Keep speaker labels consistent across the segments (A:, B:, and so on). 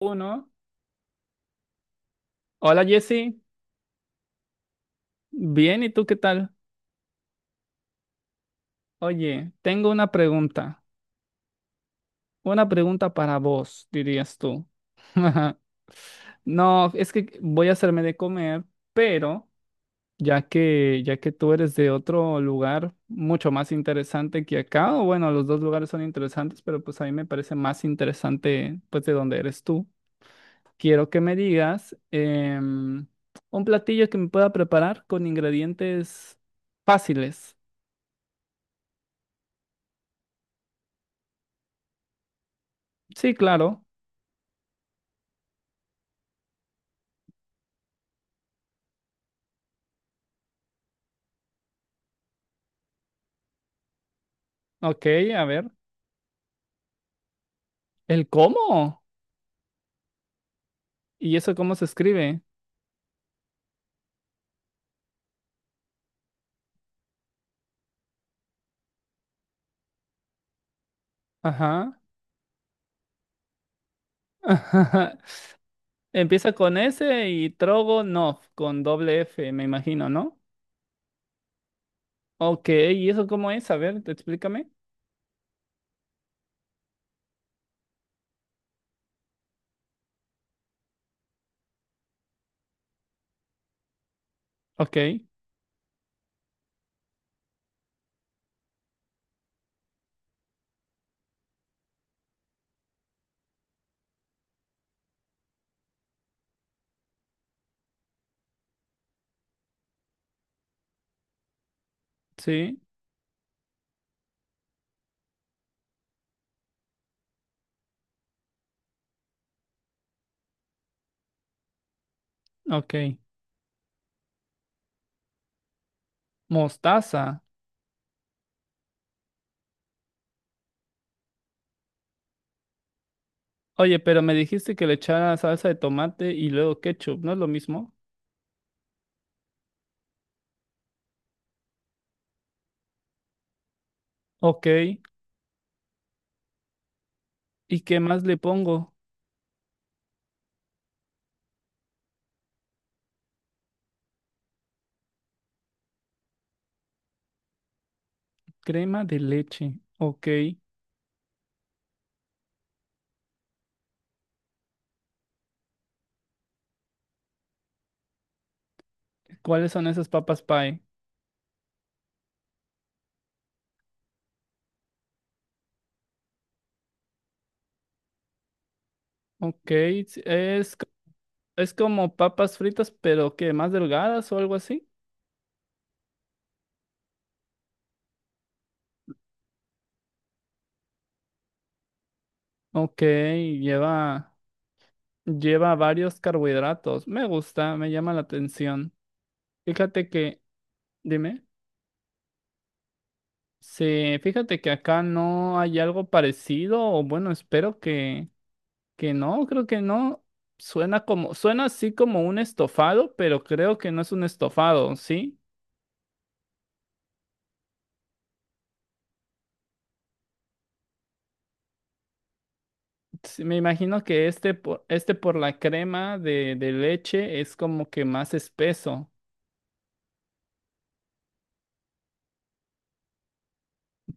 A: Uno. Hola Jesse, bien, ¿y tú qué tal? Oye, tengo una pregunta para vos, dirías tú. No, es que voy a hacerme de comer, pero ya que tú eres de otro lugar mucho más interesante que acá, o bueno, los dos lugares son interesantes, pero pues a mí me parece más interesante pues de donde eres tú. Quiero que me digas un platillo que me pueda preparar con ingredientes fáciles. Sí, claro. Ok, a ver. ¿El cómo? ¿Y eso cómo se escribe? Ajá. Ajá. Empieza con S y Trogonov, con doble F, me imagino, ¿no? Ok, ¿y eso cómo es? A ver, explícame. Ok, sí, ok. Mostaza. Oye, pero me dijiste que le echara salsa de tomate y luego ketchup, ¿no es lo mismo? Ok, ¿y qué más le pongo? Crema de leche. Ok, ¿cuáles son esas papas pie? Ok, es como papas fritas, pero que más delgadas o algo así. Ok, lleva varios carbohidratos. Me gusta, me llama la atención. Fíjate que, dime, sí, fíjate que acá no hay algo parecido, o bueno, espero que no, creo que no. Suena como, suena así como un estofado, pero creo que no es un estofado, ¿sí? Sí, me imagino que este por la crema de leche es como que más espeso.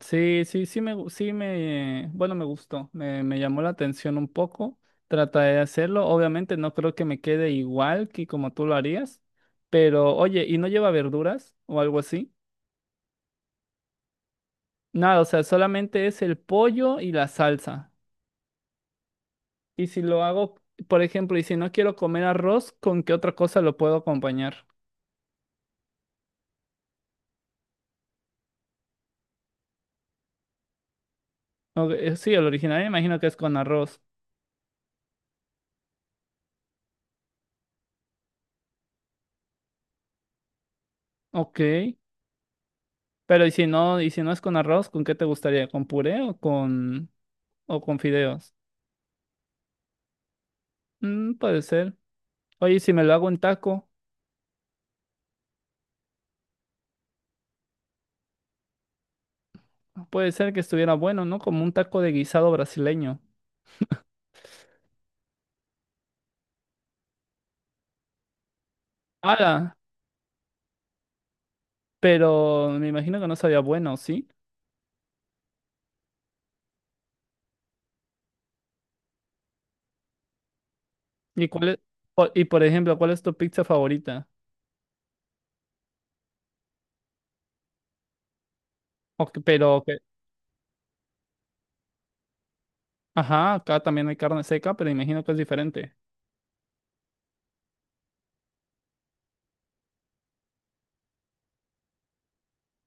A: Sí, sí, sí me, gu- sí me, bueno, me gustó, me llamó la atención un poco, trataré de hacerlo, obviamente no creo que me quede igual que como tú lo harías, pero oye, ¿y no lleva verduras o algo así? Nada, o sea, solamente es el pollo y la salsa. Y si lo hago, por ejemplo, y si no quiero comer arroz, ¿con qué otra cosa lo puedo acompañar? Ok, sí, el original me imagino que es con arroz. Ok, pero y si no es con arroz, ¿con qué te gustaría? ¿Con puré o o con fideos? Mm, puede ser. Oye, si me lo hago en taco, puede ser que estuviera bueno, ¿no? Como un taco de guisado brasileño. ¡Hala! Pero me imagino que no sabía bueno, ¿sí? ¿Y y por ejemplo, cuál es tu pizza favorita? O que- pero que, ajá, acá también hay carne seca, pero imagino que es diferente.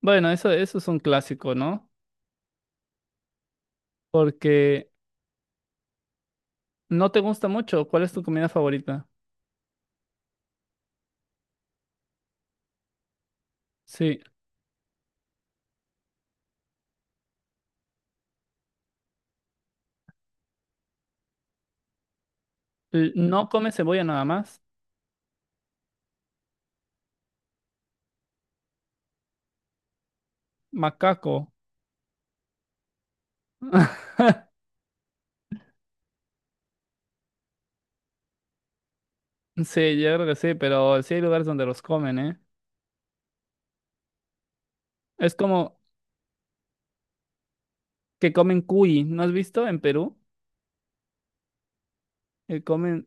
A: Bueno, eso es un clásico, ¿no? Porque no te gusta mucho. ¿Cuál es tu comida favorita? Sí. No come cebolla nada más. Macaco. Sí, yo creo que sí, pero sí hay lugares donde los comen, ¿eh? Es como que comen cuy, ¿no has visto en Perú? Que comen,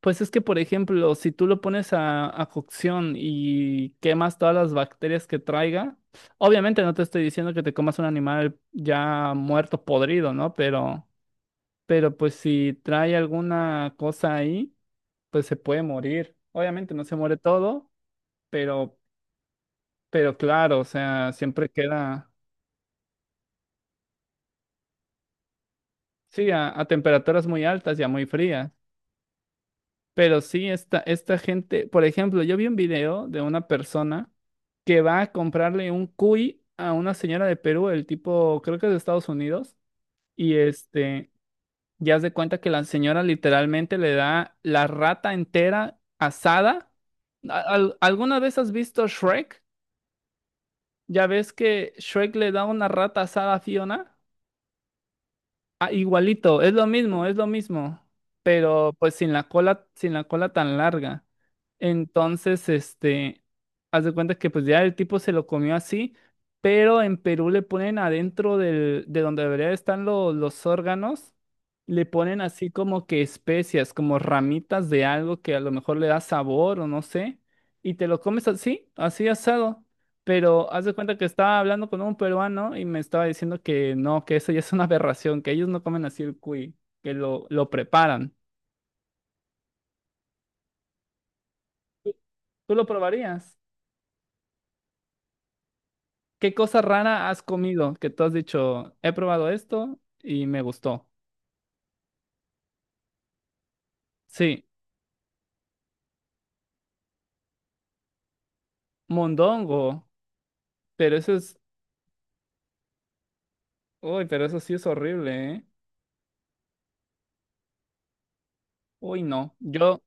A: pues es que, por ejemplo, si tú lo pones a cocción y quemas todas las bacterias que traiga, obviamente no te estoy diciendo que te comas un animal ya muerto, podrido, ¿no? Pero pues si trae alguna cosa ahí, pues se puede morir. Obviamente no se muere todo, pero, pero claro, o sea, siempre queda. Sí, a temperaturas muy altas y a muy frías. Pero sí, esta gente, por ejemplo, yo vi un video de una persona que va a comprarle un cuy a una señora de Perú, el tipo, creo que es de Estados Unidos, y este, ya se cuenta que la señora literalmente le da la rata entera asada. ¿Alguna vez has visto Shrek? Ya ves que Shrek le da una rata asada a Fiona. Ah, igualito, es lo mismo, pero pues sin la cola, sin la cola tan larga. Entonces, este, haz de cuenta que pues ya el tipo se lo comió así, pero en Perú le ponen adentro de donde deberían estar los órganos, le ponen así como que especias, como ramitas de algo que a lo mejor le da sabor o no sé, y te lo comes así, así asado. Pero haz de cuenta que estaba hablando con un peruano y me estaba diciendo que no, que eso ya es una aberración, que ellos no comen así el cuy, que lo preparan. ¿Tú tú lo probarías? ¿Qué cosa rara has comido que tú has dicho, he probado esto y me gustó? Sí, mondongo, pero eso es, uy, pero eso sí es horrible, ¿eh? Uy, no, yo,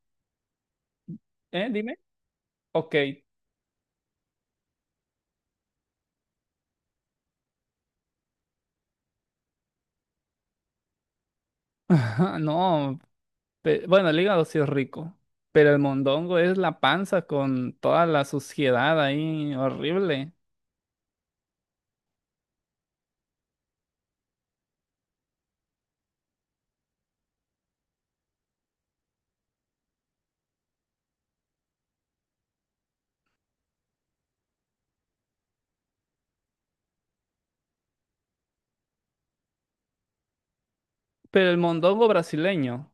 A: ¿eh? Dime, ok. No, bueno, el hígado sí es rico, pero el mondongo es la panza con toda la suciedad ahí, horrible. Pero el mondongo brasileño,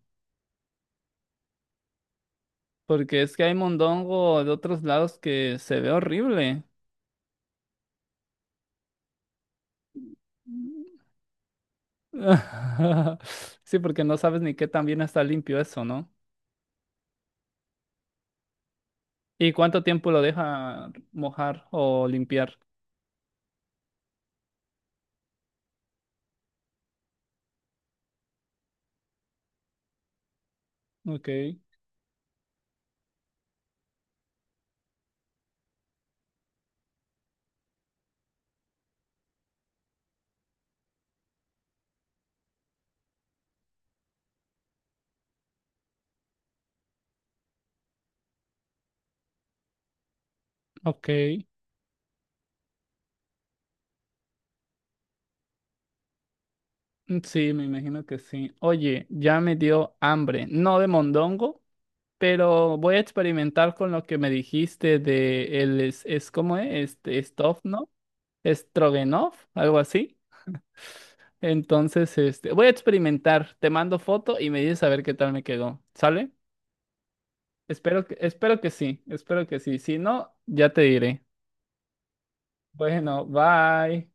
A: porque es que hay mondongo de otros lados que se ve horrible. Sí, porque no sabes ni qué tan bien está limpio eso, ¿no? ¿Y cuánto tiempo lo deja mojar o limpiar? Ok, ok. Mm, sí, me imagino que sí. Oye, ya me dio hambre, no de mondongo. Pero voy a experimentar con lo que me dijiste de el es ¿cómo es? Este, Stov, ¿no? Stroganov, algo así. Entonces, este, voy a experimentar. Te mando foto y me dices a ver qué tal me quedó. ¿Sale? Espero que sí, espero que sí. Si no, ya te diré. Bueno, bye.